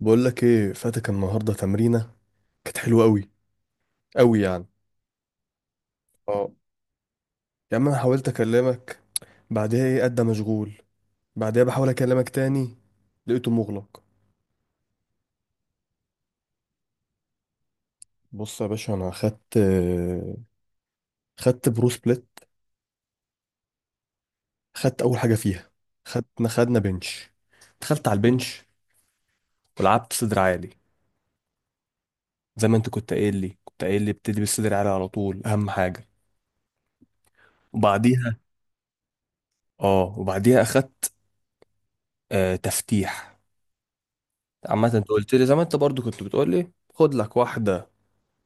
بقول لك ايه، فاتك النهارده تمرينه كانت حلوه قوي، قوي يعني. اه، يا عم انا حاولت اكلمك بعدها، ايه قد مشغول. بعدها بحاول اكلمك تاني، لقيته مغلق. بص يا باشا، انا خدت برو سبليت. خدت اول حاجه فيها. خدنا بنش، دخلت على البنش ولعبت صدر عالي زي ما انت كنت قايل لي، ابتدي بالصدر عالي على طول، اهم حاجه. وبعديها اه وبعديها اخدت تفتيح. عامة انت قلت لي، زي ما انت برضو كنت بتقول لي، خد لك واحدة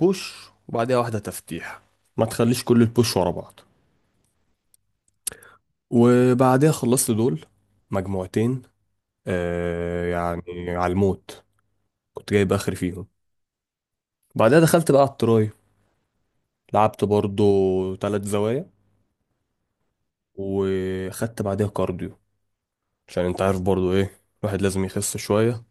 بوش وبعديها واحدة تفتيح، ما تخليش كل البوش ورا بعض. وبعديها خلصت دول، مجموعتين آه يعني، على الموت، كنت جايب اخر فيهم. بعدها دخلت بقى على التراي، لعبت برضو تلات زوايا، وخدت بعديها كارديو عشان انت عارف برضو ايه، الواحد لازم يخس شوية.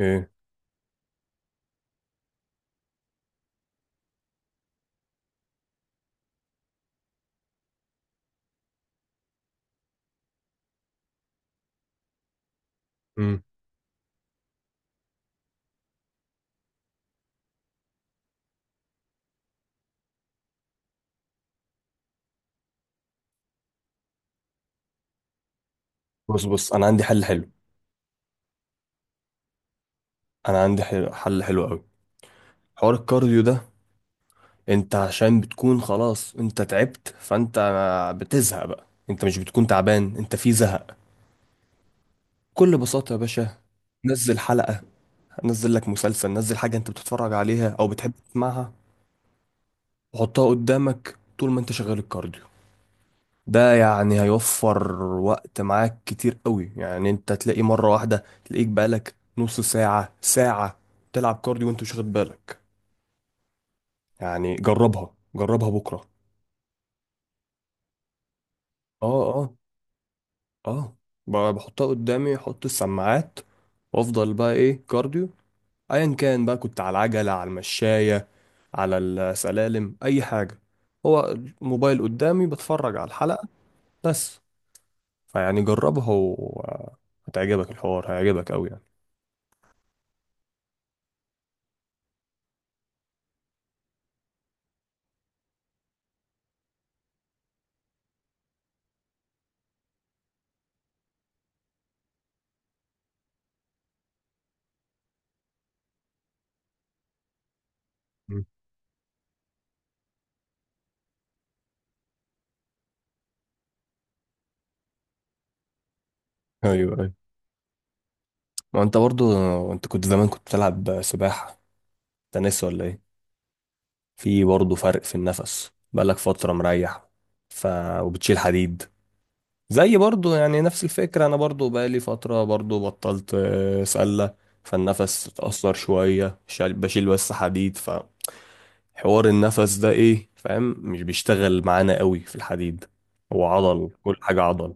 ايه؟ مم. بص انا عندي حل حلو. انا عندي حل حلو قوي. حوار الكارديو ده، انت عشان بتكون خلاص انت تعبت، فانت بتزهق بقى، انت مش بتكون تعبان، انت في زهق. بكل بساطة يا باشا، نزل حلقة، نزل لك مسلسل، نزل حاجة انت بتتفرج عليها او بتحب تسمعها، وحطها قدامك طول ما انت شغال الكارديو. ده يعني هيوفر وقت معاك كتير قوي، يعني انت تلاقي مرة واحدة تلاقيك بقالك نص ساعة ساعة تلعب كارديو وانت مش واخد بالك. يعني جربها، جربها بكرة. اه، اه، بحطها قدامي، احط السماعات وافضل بقى ايه، كارديو، ايا كان بقى، كنت على العجلة، على المشاية، على السلالم، اي حاجة، هو الموبايل قدامي بتفرج على الحلقة. بس فيعني جربها، وهتعجبك، الحوار هيعجبك قوي يعني. مم. ايوه، ايوه، ما انت برضو، انت كنت زمان كنت بتلعب سباحة، تنس ولا ايه، في برضو فرق في النفس بقالك فترة مريح، ف، وبتشيل حديد. زي برضو يعني نفس الفكرة، أنا برضو بقالي فترة برضو بطلت آه، سلة، فالنفس اتأثر شوية، بشيل بس حديد، فحوار النفس ده إيه، فاهم، مش بيشتغل معانا قوي في الحديد، هو عضل، كل حاجة عضل.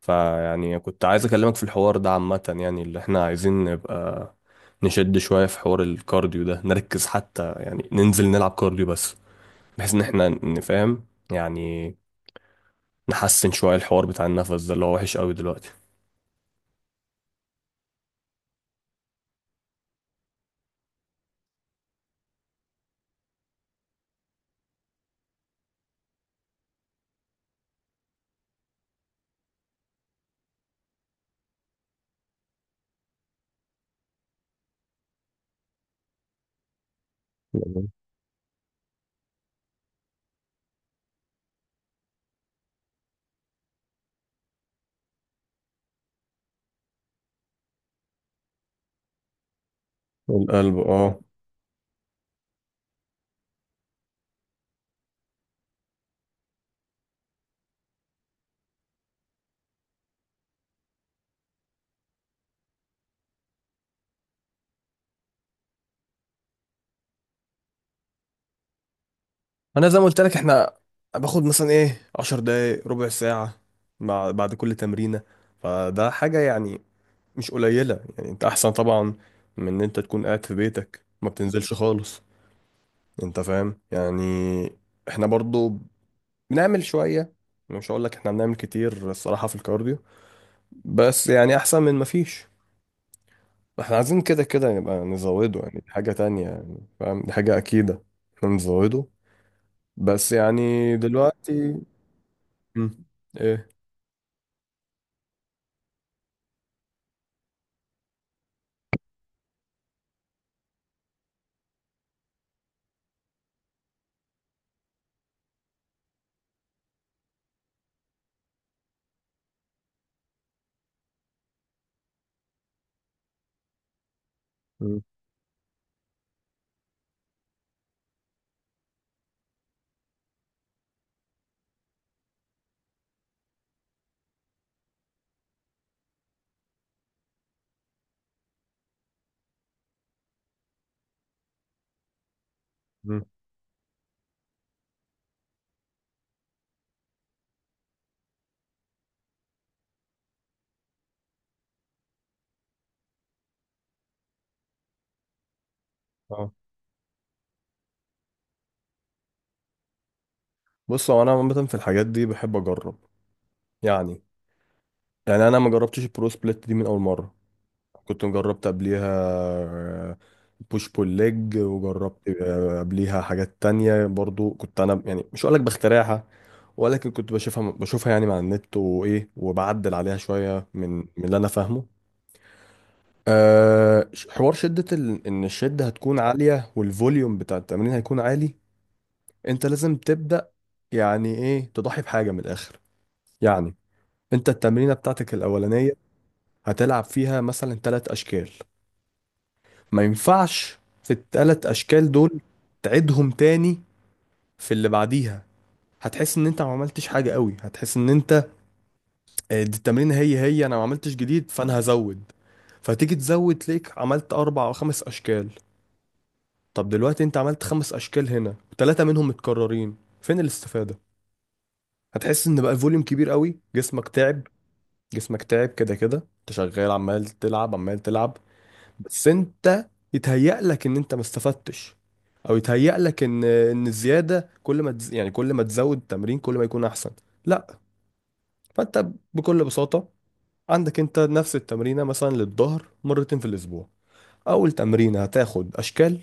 فيعني كنت عايز أكلمك في الحوار ده عامة، يعني اللي إحنا عايزين، نبقى نشد شوية في حوار الكارديو ده، نركز، حتى يعني ننزل نلعب كارديو بس، بحيث إن إحنا نفهم يعني نحسن شوية الحوار بتاع النفس ده، اللي هو وحش قوي دلوقتي. القلب، اه. انا زي ما قلت لك، احنا باخد مثلا ايه 10 دقايق، ربع ساعة، مع بعد كل تمرينة، فده حاجة يعني مش قليلة، يعني انت احسن طبعا من ان انت تكون قاعد في بيتك ما بتنزلش خالص، انت فاهم يعني، احنا برضو بنعمل شوية. مش هقول لك احنا بنعمل كتير الصراحة في الكارديو، بس يعني احسن من ما فيش. احنا عايزين كده كده نبقى نزوده، يعني دي حاجة تانية يعني، فاهم، دي حاجة اكيدة، احنا نزوده بس يعني. دلوقتي، مم. ايه؟ مم. مم. اه، بص، هو انا عامه في الحاجات دي بحب اجرب يعني. يعني انا ما جربتش البرو سبليت دي من اول مره، كنت جربت قبليها بوش بول ليج، وجربت آه، قبليها حاجات تانية برضو، كنت انا يعني مش هقولك بخترعها، ولكن كنت بشوفها يعني مع النت وايه، وبعدل عليها شويه من اللي انا فاهمه. أه، حوار شدة ان الشدة هتكون عالية، والفوليوم بتاع التمرين هيكون عالي. انت لازم تبدأ يعني ايه، تضحي بحاجة من الآخر، يعني انت التمرينة بتاعتك الأولانية هتلعب فيها مثلا ثلاث أشكال، ما ينفعش في الثلاث أشكال دول تعيدهم تاني في اللي بعديها، هتحس ان انت ما عملتش حاجة قوي، هتحس ان انت آه، دي التمرينة هي انا ما عملتش جديد فانا هزود، فتيجي تزود تلاقيك عملت أربع أو خمس أشكال. طب دلوقتي انت عملت خمس أشكال هنا ثلاثة منهم متكررين، فين الاستفادة؟ هتحس ان بقى الفوليوم كبير قوي، جسمك تعب. كده كده انت شغال، عمال تلعب عمال تلعب، بس انت يتهيأ لك ان انت ما استفدتش، او يتهيأ لك ان الزياده كل ما يعني كل ما تزود التمرين كل ما يكون احسن. لا. فانت بكل بساطه، عندك انت نفس التمرينه مثلا للظهر مرتين في الاسبوع، اول تمرينه هتاخد اشكال،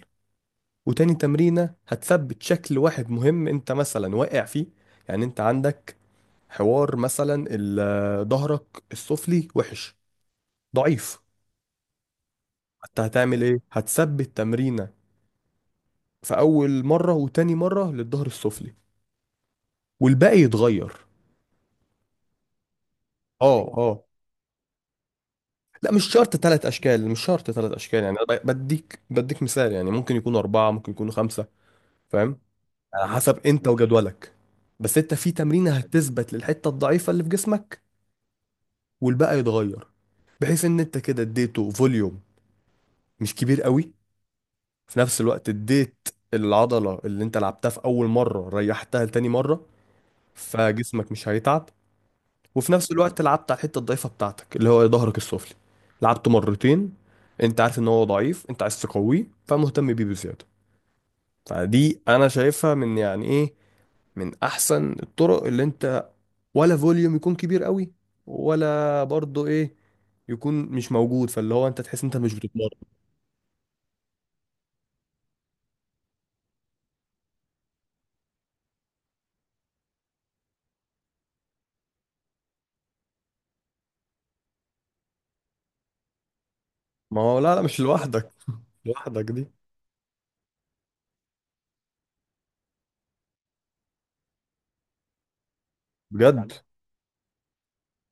وتاني تمرينه هتثبت شكل واحد مهم انت مثلا واقع فيه. يعني انت عندك حوار مثلا ظهرك السفلي وحش، ضعيف، انت هتعمل ايه؟ هتثبت تمرينه في اول مره وتاني مره للظهر السفلي، والباقي يتغير. اه، اه. لا مش شرط ثلاث اشكال، يعني أنا بديك مثال، يعني ممكن يكون اربعه، ممكن يكونوا خمسه. فاهم؟ على حسب انت وجدولك. بس انت في تمرينه هتثبت للحته الضعيفه اللي في جسمك، والباقي يتغير، بحيث ان انت كده اديته فوليوم مش كبير قوي. في نفس الوقت اديت العضله اللي انت لعبتها في اول مره ريحتها لتاني مره، فجسمك مش هيتعب. وفي نفس الوقت لعبت على الحته الضعيفه بتاعتك اللي هو ظهرك السفلي، لعبته مرتين. انت عارف ان هو ضعيف، انت عايز تقويه، فمهتم بيه بزياده. فدي انا شايفها من يعني ايه، من احسن الطرق، اللي انت ولا فوليوم يكون كبير قوي، ولا برضه ايه، يكون مش موجود فاللي هو انت تحس انت مش بتتمرن. ما هو لا لا، مش لوحدك، لوحدك دي. بجد،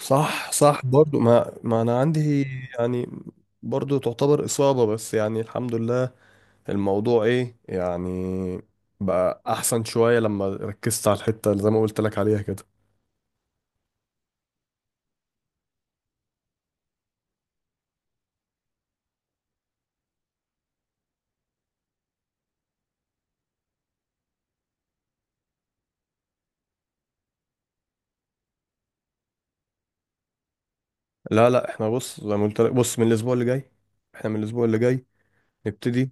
صح، صح برضو، ما ما انا عندي يعني، برضو تعتبر اصابة، بس يعني الحمد لله الموضوع ايه يعني، بقى احسن شوية لما ركزت على الحتة اللي زي ما قلت لك عليها كده. لا لا، احنا بص زي ما قلت لك، بص من الاسبوع اللي جاي، احنا من الاسبوع اللي جاي نبتدي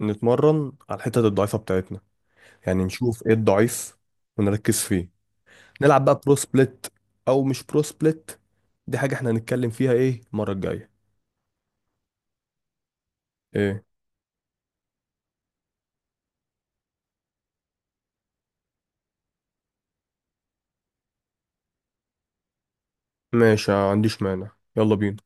نتمرن على الحتت الضعيفة بتاعتنا، يعني نشوف ايه الضعيف ونركز فيه، نلعب بقى برو سبليت او مش برو سبليت، دي حاجة احنا هنتكلم فيها ايه المرة الجاية. ايه؟ ماشي، ما عنديش مانع، يلا بينا.